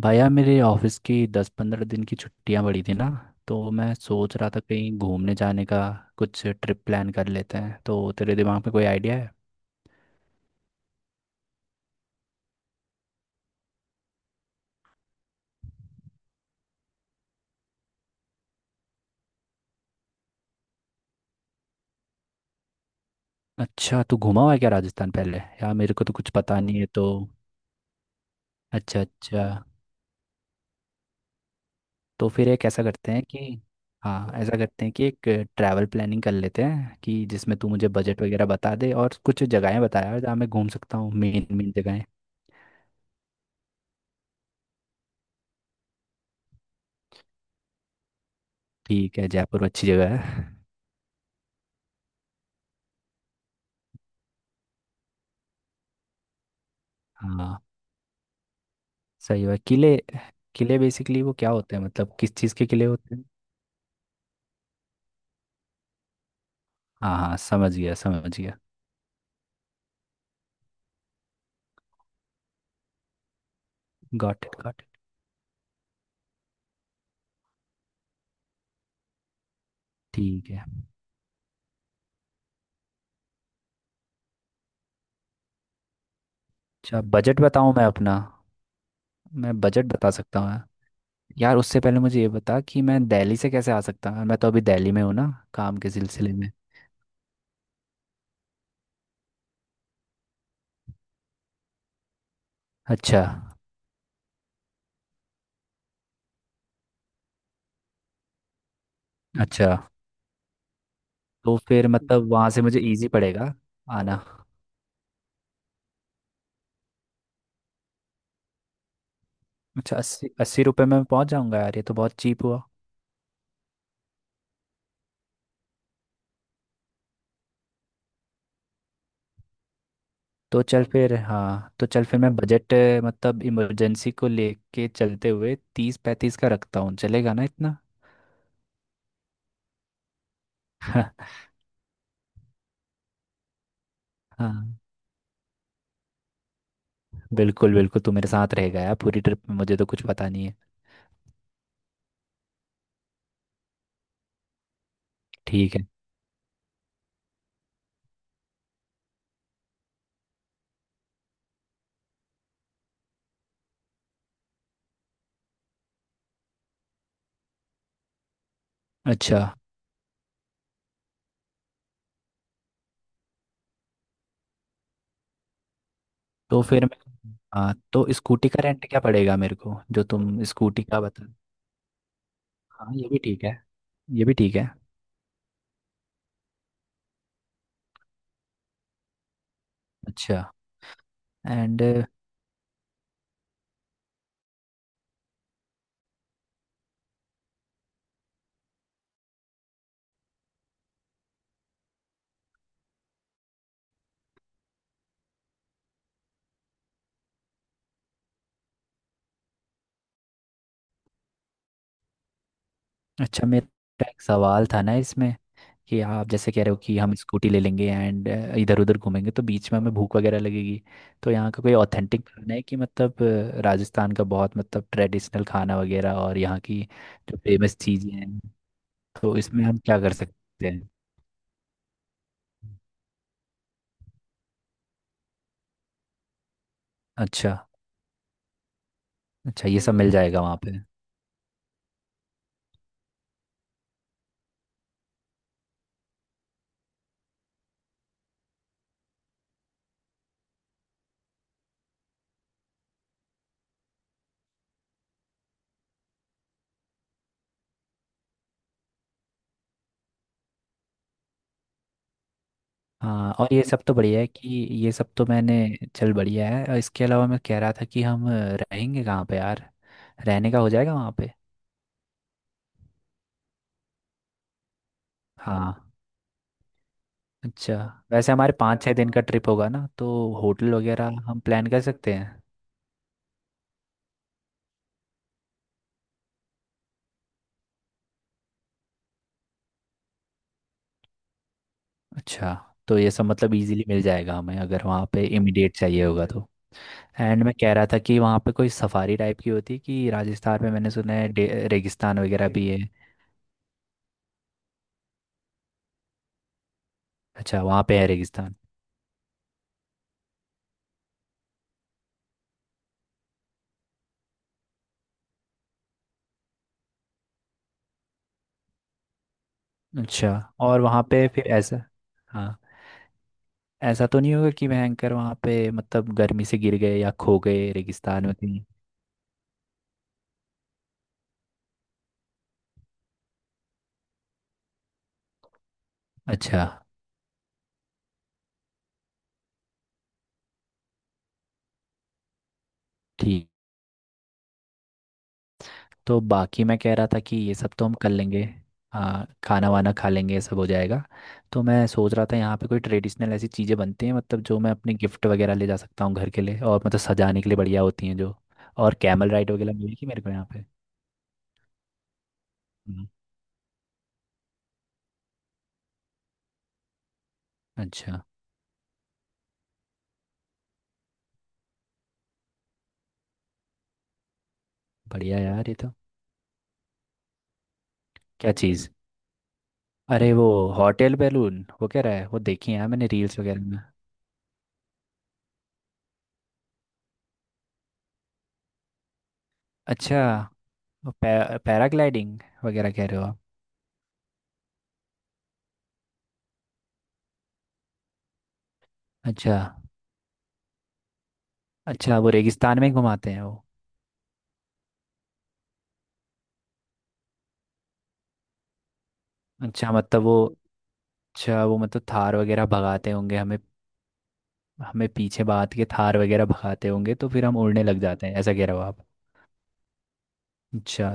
भैया, मेरे ऑफिस की 10-15 दिन की छुट्टियां पड़ी थी ना। तो मैं सोच रहा था कहीं घूमने जाने का, कुछ ट्रिप प्लान कर लेते हैं। तो तेरे दिमाग में कोई आइडिया है? अच्छा, तू घूमा हुआ है क्या राजस्थान पहले? यार मेरे को तो कुछ पता नहीं है तो। अच्छा अच्छा। तो फिर एक ऐसा करते हैं कि, हाँ ऐसा करते हैं कि एक ट्रैवल प्लानिंग कर लेते हैं, कि जिसमें तू मुझे बजट वगैरह बता दे और कुछ जगहें बता यार जहाँ मैं घूम सकता हूँ, मेन मेन जगहें। ठीक है, जयपुर अच्छी जगह है। हाँ। सही हुआ किले। किले बेसिकली वो क्या होते हैं, मतलब किस चीज़ के किले होते हैं? हाँ हाँ, समझ गया समझ गया। Got it got it. ठीक है। अच्छा बजट बताऊँ मैं अपना? मैं बजट बता सकता हूँ यार। उससे पहले मुझे ये बता कि मैं दिल्ली से कैसे आ सकता हूँ, मैं तो अभी दिल्ली में हूँ ना, काम के सिलसिले में। अच्छा। अच्छा तो फिर मतलब वहाँ से मुझे इजी पड़ेगा आना। अच्छा, अस्सी अस्सी रुपये में पहुँच जाऊँगा यार, ये तो बहुत चीप हुआ। तो चल फिर हाँ तो चल फिर मैं बजट मतलब इमरजेंसी को लेके चलते हुए 30-35 का रखता हूँ, चलेगा ना इतना? हाँ बिल्कुल बिल्कुल, तू मेरे साथ रहेगा यार पूरी ट्रिप में, मुझे तो कुछ पता नहीं है। ठीक है। अच्छा। तो फिर मैं हाँ, तो स्कूटी का रेंट क्या पड़ेगा मेरे को, जो तुम स्कूटी का बता। हाँ ये भी ठीक है। ये भी ठीक है। अच्छा। एंड। अच्छा, मेरा एक सवाल था ना इसमें, कि आप जैसे कह रहे हो कि हम स्कूटी ले लेंगे एंड इधर उधर घूमेंगे, तो बीच में हमें भूख वगैरह लगेगी, तो यहाँ का कोई ऑथेंटिक खाना है कि मतलब, राजस्थान का बहुत मतलब ट्रेडिशनल खाना वगैरह, और यहाँ की जो फेमस चीज़ें हैं, तो इसमें हम क्या कर सकते हैं? अच्छा। अच्छा ये सब मिल जाएगा वहाँ पे? हाँ। और ये सब तो बढ़िया है कि, ये सब तो मैंने, चल बढ़िया है। और इसके अलावा मैं कह रहा था कि हम रहेंगे कहाँ पे यार? रहने का हो जाएगा वहाँ पे? हाँ। अच्छा। वैसे हमारे 5-6 दिन, हाँ, का ट्रिप होगा ना, तो होटल वगैरह हम प्लान कर सकते हैं। अच्छा, तो ये सब मतलब इजीली मिल जाएगा हमें, अगर वहाँ पे इमीडिएट चाहिए होगा तो? एंड मैं कह रहा था कि वहाँ पे कोई सफारी टाइप की होती है कि, राजस्थान में मैंने सुना है रेगिस्तान वगैरह भी है। अच्छा, वहाँ पे है रेगिस्तान। अच्छा। और वहाँ पे फिर ऐसा, हाँ, ऐसा तो नहीं होगा कि भयंकर वहाँ पे मतलब गर्मी से गिर गए या खो गए रेगिस्तान में कहीं? अच्छा। ठीक। तो बाकी मैं कह रहा था कि ये सब तो हम कर लेंगे, हाँ, खाना वाना खा लेंगे, ये सब हो जाएगा। तो मैं सोच रहा था यहाँ पे कोई ट्रेडिशनल ऐसी चीज़ें बनती हैं मतलब, जो मैं अपने गिफ्ट वगैरह ले जा सकता हूँ घर के लिए, और मतलब सजाने के लिए बढ़िया होती हैं जो। और कैमल राइड वगैरह मिलेगी मेरे को यहाँ पे? हम्म। अच्छा। बढ़िया यार ये तो। क्या चीज़? अरे वो होटल बैलून वो कह रहा है, वो देखी है यार मैंने रील्स वगैरह में। अच्छा, वो पैराग्लाइडिंग वगैरह कह रहे हो आप? अच्छा। अच्छा, वो रेगिस्तान में ही घुमाते हैं वो? अच्छा मतलब वो, अच्छा वो मतलब थार वगैरह भगाते होंगे हमें, हमें पीछे बात के थार वगैरह भगाते होंगे तो फिर हम उड़ने लग जाते हैं, ऐसा कह रहे हो आप? अच्छा।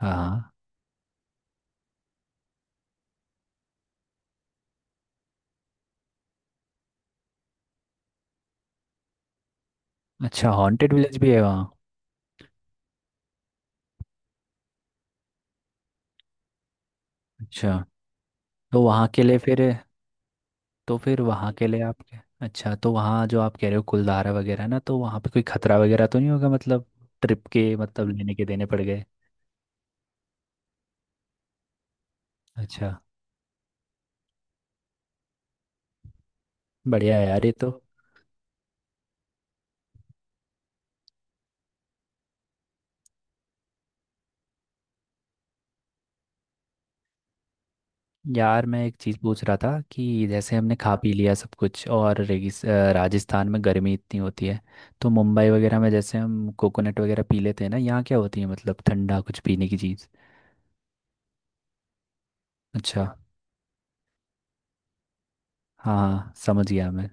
हाँ हाँ। अच्छा, हॉन्टेड विलेज भी है वहाँ? अच्छा, तो वहाँ के लिए फिर, तो फिर वहाँ के लिए आप क्या- अच्छा, तो वहाँ जो आप कह रहे हो कुलधारा वगैरह ना, तो वहाँ पे कोई खतरा वगैरह तो नहीं होगा मतलब, ट्रिप के मतलब लेने के देने पड़ गए? अच्छा। बढ़िया है यार ये तो। यार मैं एक चीज़ पूछ रहा था कि जैसे हमने खा पी लिया सब कुछ, और राजस्थान में गर्मी इतनी होती है, तो मुंबई वगैरह में जैसे हम कोकोनट वगैरह पी लेते हैं ना, यहाँ क्या होती है मतलब ठंडा कुछ पीने की चीज़? अच्छा। हाँ हाँ समझ गया मैं।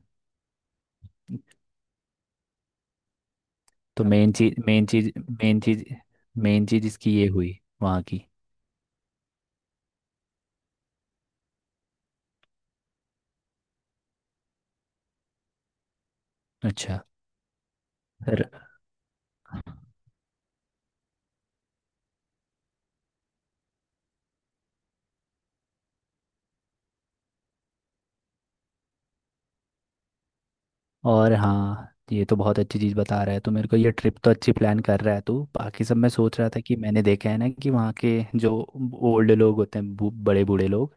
तो मेन चीज़ मेन चीज़ इसकी ये हुई वहाँ की। अच्छा। और हाँ ये तो बहुत अच्छी चीज़ बता रहा है, तो मेरे को ये ट्रिप तो अच्छी प्लान कर रहा है तू। बाकी सब मैं सोच रहा था कि मैंने देखा है ना कि वहाँ के जो ओल्ड लोग होते हैं, बड़े बूढ़े लोग,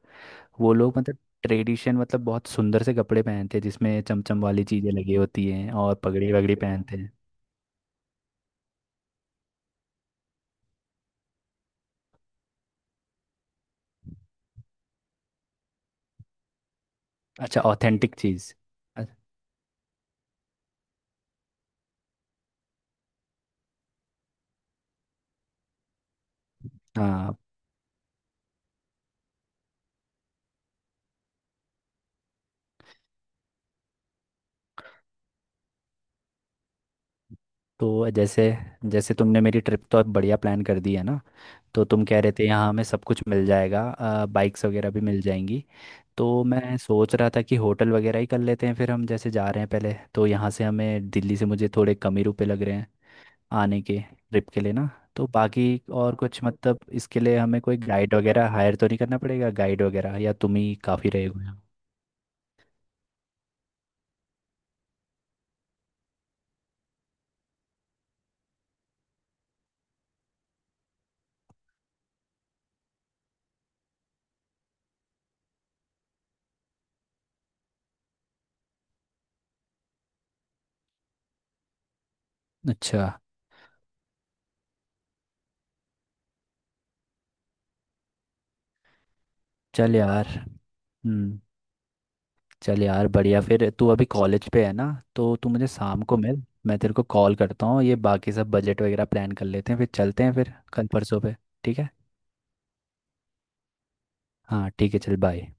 वो लोग मतलब ट्रेडिशन मतलब बहुत सुंदर से कपड़े पहनते हैं, जिसमें चमचम वाली चीज़ें लगी होती हैं और पगड़ी वगड़ी पहनते हैं। अच्छा, ऑथेंटिक चीज़। अ- हाँ, तो जैसे, जैसे तुमने मेरी ट्रिप तो अब बढ़िया प्लान कर दी है ना, तो तुम कह रहे थे यहाँ हमें सब कुछ मिल जाएगा, बाइक्स वगैरह भी मिल जाएंगी। तो मैं सोच रहा था कि होटल वगैरह ही कर लेते हैं फिर, हम जैसे जा रहे हैं पहले, तो यहाँ से हमें दिल्ली से मुझे थोड़े कम ही रुपए लग रहे हैं आने के ट्रिप के लिए ना, तो बाकी और कुछ मतलब इसके लिए हमें कोई गाइड वगैरह हायर तो नहीं करना पड़ेगा, गाइड वगैरह, या तुम ही काफ़ी रहेगा यहाँ? अच्छा। चल यार। हम्म। चल यार, बढ़िया फिर। तू अभी कॉलेज पे है ना, तो तू मुझे शाम को मिल, मैं तेरे को कॉल करता हूँ, ये बाकी सब बजट वगैरह प्लान कर लेते हैं, फिर चलते हैं फिर कल परसों पे। ठीक है। हाँ ठीक है, चल बाय।